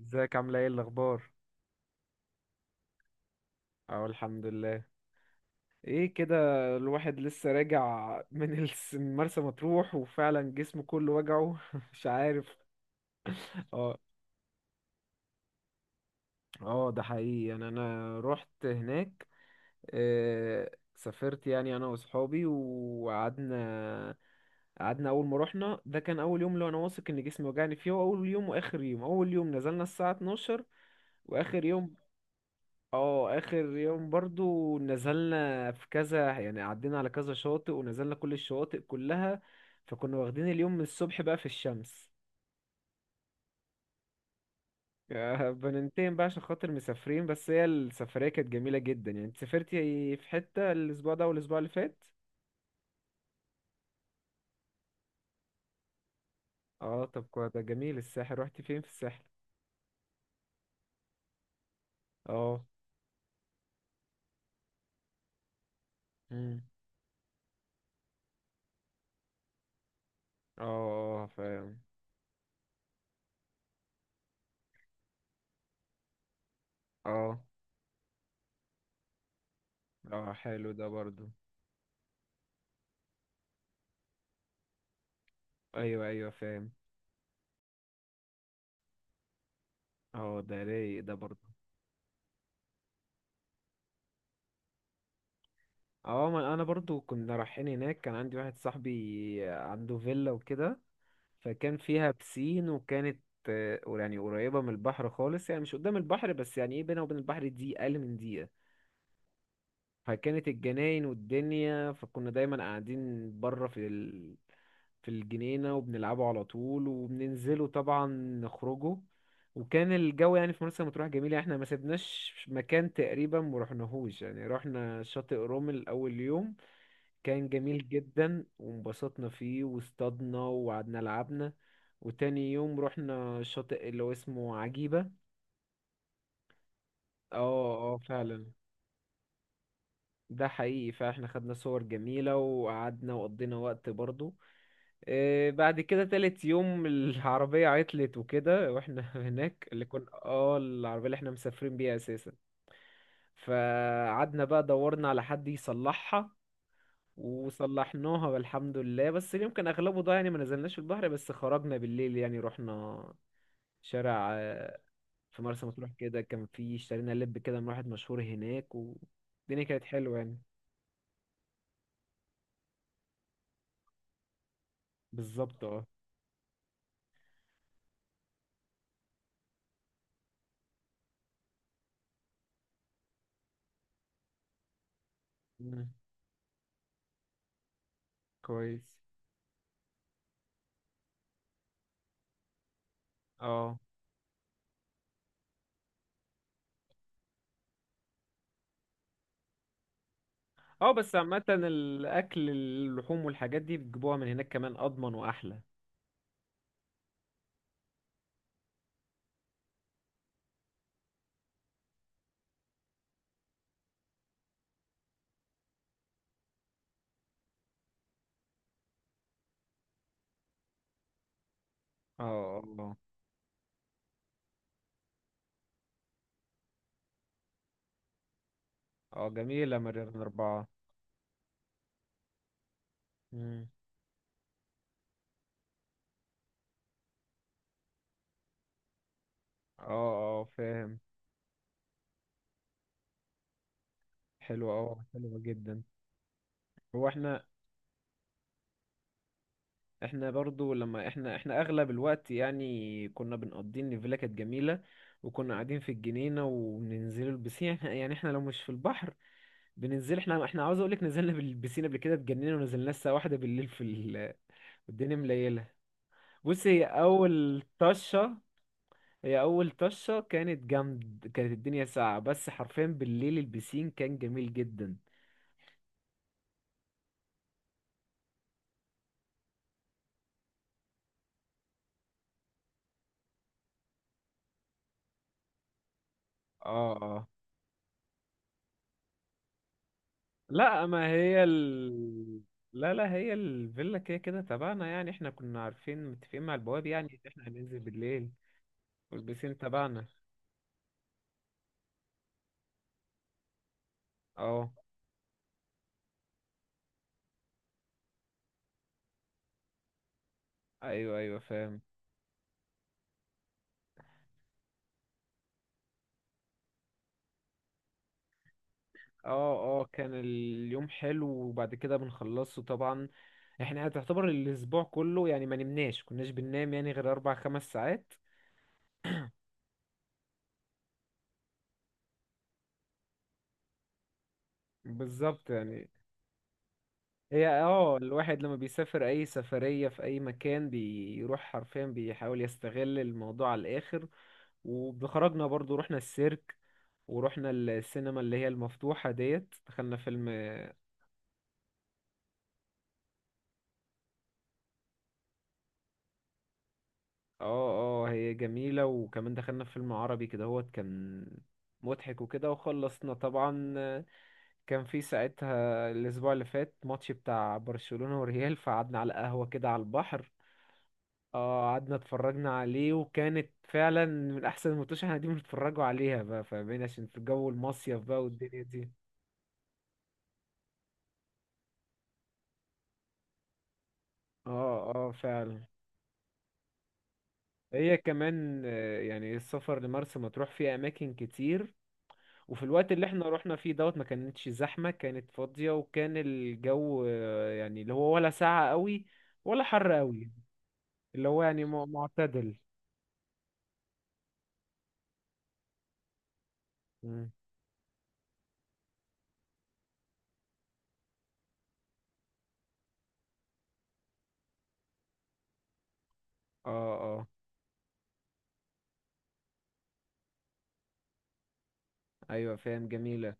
ازيك عامله ايه الاخبار؟ اه، الحمد لله. ايه كده؟ الواحد لسه راجع من مرسى مطروح، وفعلا جسمه كله وجعه. مش عارف. اه، اه، ده حقيقي، يعني انا رحت هناك. آه، سافرت يعني انا واصحابي وقعدنا. قعدنا اول ما رحنا. ده كان اول يوم اللي انا واثق ان جسمي وجعني فيه، هو اول يوم واخر يوم. اول يوم نزلنا الساعه 12، واخر يوم. اه، اخر يوم برضو نزلنا في كذا، يعني عدينا على كذا شاطئ ونزلنا كل الشواطئ كلها. فكنا واخدين اليوم من الصبح بقى في الشمس. بننتقم بقى عشان خاطر مسافرين، بس هي السفرية كانت جميلة جدا. يعني انت سافرتي في حتة الأسبوع ده والأسبوع اللي فات؟ اه طب كويس، ده جميل. الساحل رحتي فين في الساحل؟ اه. مم. اه، اه، فاهم. اه، اه، حلو ده برضو. ايوه، ايوه، فاهم. اه، ده رايق ده برضو. اه، ما انا برضو كنا رايحين هناك. كان عندي واحد صاحبي عنده فيلا وكده، فكان فيها بسين وكانت... يعني قريبة من البحر خالص، يعني مش قدام البحر، بس يعني ايه، بينها وبين البحر دي اقل من دقيقة. فكانت الجناين والدنيا، فكنا دايما قاعدين بره في الجنينة وبنلعبوا على طول وبننزلوا طبعا، نخرجوا. وكان الجو يعني في مرسى مطروح جميل، يعني احنا ما سيبناش مكان تقريبا ما رحناهوش. يعني رحنا شاطئ رومل اول يوم، كان جميل جدا وانبسطنا فيه واصطادنا وقعدنا لعبنا. وتاني يوم رحنا شاطئ اللي هو اسمه عجيبة. اه، اه، فعلا، ده حقيقي. فاحنا خدنا صور جميلة وقعدنا وقضينا وقت برضو. بعد كده تالت يوم العربية عطلت وكده واحنا هناك، اللي كنا العربية اللي احنا مسافرين بيها اساسا. فقعدنا بقى دورنا على حد يصلحها، وصلحناها والحمد لله، بس اليوم كان اغلبه ضايع. يعني ما نزلناش في البحر، بس خرجنا بالليل. يعني رحنا شارع في مرسى مطروح كده، كان في اشترينا لب كده من واحد مشهور هناك، والدنيا كانت حلوه يعني. بالظبط، اه. مم. كويس. اه، اه، بس عامة الأكل، اللحوم والحاجات دي، بتجيبوها من هناك كمان، أضمن وأحلى. اه، اه، اه، جميلة مريم أربعة. مم. اه، اه، فاهم. حلوة، اه، حلوة جدا. هو احنا احنا برضو، لما احنا اغلب الوقت، يعني كنا بنقضي ان الفيلا كانت جميله، وكنا قاعدين في الجنينه وبننزلوا البسين. احنا، يعني احنا لو مش في البحر، بننزل. احنا عاوز اقولك نزلنا بالبسين. قبل كده اتجننا ونزلنا الساعه واحدة بالليل الدنيا مليله. بصي، هي اول طشه كانت جامد، كانت الدنيا ساقعه، بس حرفيا بالليل البسين كان جميل جدا. اه، لا، ما هي ال... لا، لا، هي الفيلا كده كده تبعنا. يعني احنا كنا عارفين متفقين مع البواب، يعني ان احنا هننزل بالليل والبسين تبعنا. اه، ايوه، ايوه، فاهم. اه، اه، كان اليوم حلو، وبعد كده بنخلصه طبعا. احنا تعتبر الاسبوع كله، يعني ما نمناش كناش بننام يعني غير اربع خمس ساعات. بالظبط يعني. هي اه الواحد لما بيسافر اي سفرية في اي مكان بيروح، حرفيا بيحاول يستغل الموضوع على الاخر. وبخرجنا برضو رحنا السيرك، ورحنا السينما اللي هي المفتوحة ديت، دخلنا فيلم. اه، اه، هي جميلة، وكمان دخلنا فيلم عربي كده، هو كان مضحك وكده وخلصنا طبعا. كان في ساعتها الأسبوع اللي فات ماتش بتاع برشلونة والريال، فقعدنا على قهوة كده على البحر. اه، قعدنا اتفرجنا عليه، وكانت فعلا من احسن المنتوشه احنا قاعدين بنتفرجوا عليها بقى، فاهمين، عشان في جو المصيف بقى والدنيا دي. اه، اه، فعلا. هي كمان، يعني السفر لمرسى مطروح فيه اماكن كتير. وفي الوقت اللي احنا رحنا فيه دوت ما كانتش زحمه، كانت فاضيه، وكان الجو يعني اللي هو ولا ساقع قوي ولا حر قوي. اللي هو يعني معتدل. مم. اه، اه، ايوه، فاهم، جميله.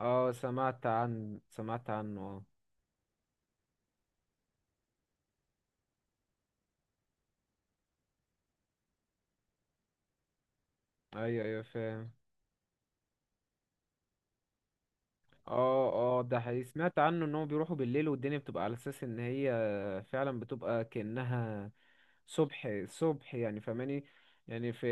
اه، سمعت عنه، اه. ايوه، ايوه، فاهم. اه، اه، ده حقيقي، سمعت عنه ان هو بيروحوا بالليل والدنيا بتبقى على اساس ان هي فعلا بتبقى كأنها صبح صبح، يعني فاهماني. يعني في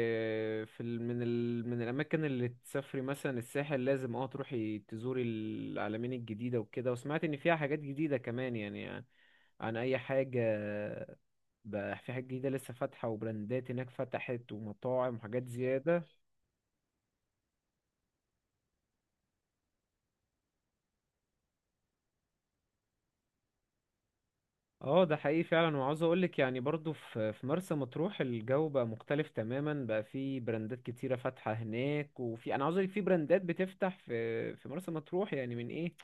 في ال- من ال من الاماكن اللي تسافري مثلا الساحل، لازم تروحي تزوري العلمين الجديدة وكده، وسمعت ان فيها حاجات جديدة كمان، يعني عن اي حاجة؟ بقى في حاجات جديدة لسه فاتحة وبراندات هناك فتحت ومطاعم وحاجات زيادة. اه، ده حقيقي فعلا. وعاوز اقولك يعني برضو في مرسى مطروح الجو بقى مختلف تماما، بقى في براندات كتيرة فاتحة هناك، وفي، انا عاوز اقولك في براندات بتفتح في مرسى مطروح يعني من ايه.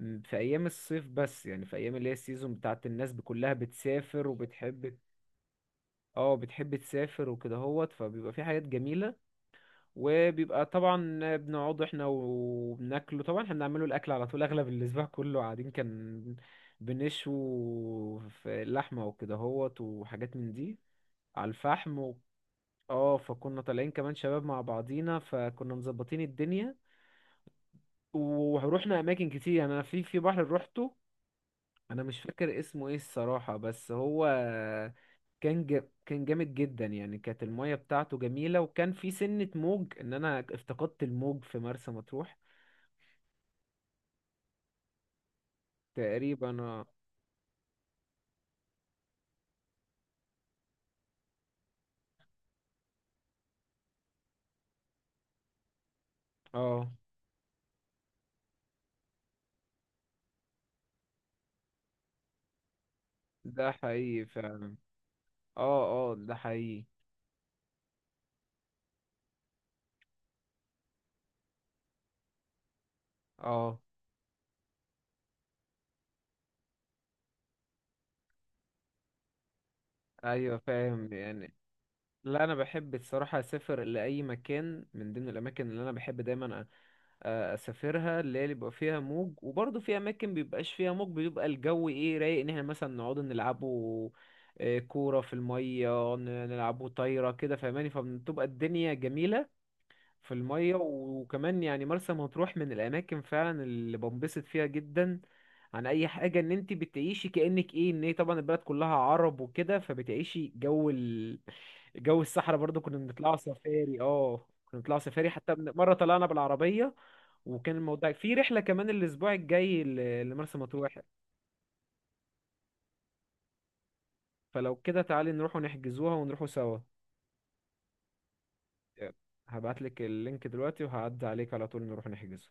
في ايام الصيف بس، يعني في ايام اللي هي السيزون بتاعت الناس كلها بتسافر وبتحب. اه، بتحب تسافر وكده هوت، فبيبقى في حاجات جميلة. وبيبقى طبعا بنقعد احنا وبناكله طبعا. احنا بنعمله الاكل على طول، اغلب الاسبوع كله قاعدين كان بنشوي في اللحمه وكده هوت وحاجات من دي، على الفحم اه. فكنا طالعين كمان شباب مع بعضينا، فكنا مظبطين الدنيا. ورحنا اماكن كتير. يعني انا في بحر روحته، انا مش فاكر اسمه ايه الصراحه، بس هو كان جامد جدا. يعني كانت الميه بتاعته جميله، وكان في سنه موج، ان انا افتقدت الموج في مرسى مطروح. تقريبا، اه. آه، ده حقيقي فعلا. اه، اه، ده حقيقي. اه، ايوه، فاهم يعني. لا، انا بحب الصراحه اسافر لاي مكان. من ضمن الاماكن اللي انا بحب دايما اسافرها، اللي هي بيبقى فيها موج. وبرضه في اماكن بيبقاش فيها موج، بيبقى الجو ايه رايق، ان احنا مثلا نقعد نلعبوا كوره في الميه، نلعبوا طايره كده، فاهماني. فبتبقى الدنيا جميله في المية. وكمان يعني مرسى مطروح من الأماكن فعلا اللي بنبسط فيها جدا، عن أي حاجة. إن أنت بتعيشي كأنك إيه، إن هي طبعا البلد كلها عرب وكده، فبتعيشي جو الصحراء. برضو كنا بنطلعوا سفاري، اه، كنا بنطلعوا سفاري حتى مرة طلعنا بالعربية. وكان الموضوع في رحلة كمان الأسبوع الجاي لمرسى مطروح. فلو كده تعالي نروح ونحجزوها ونروحوا سوا. هبعتلك اللينك دلوقتي وهعدي عليك على طول نروح نحجزه.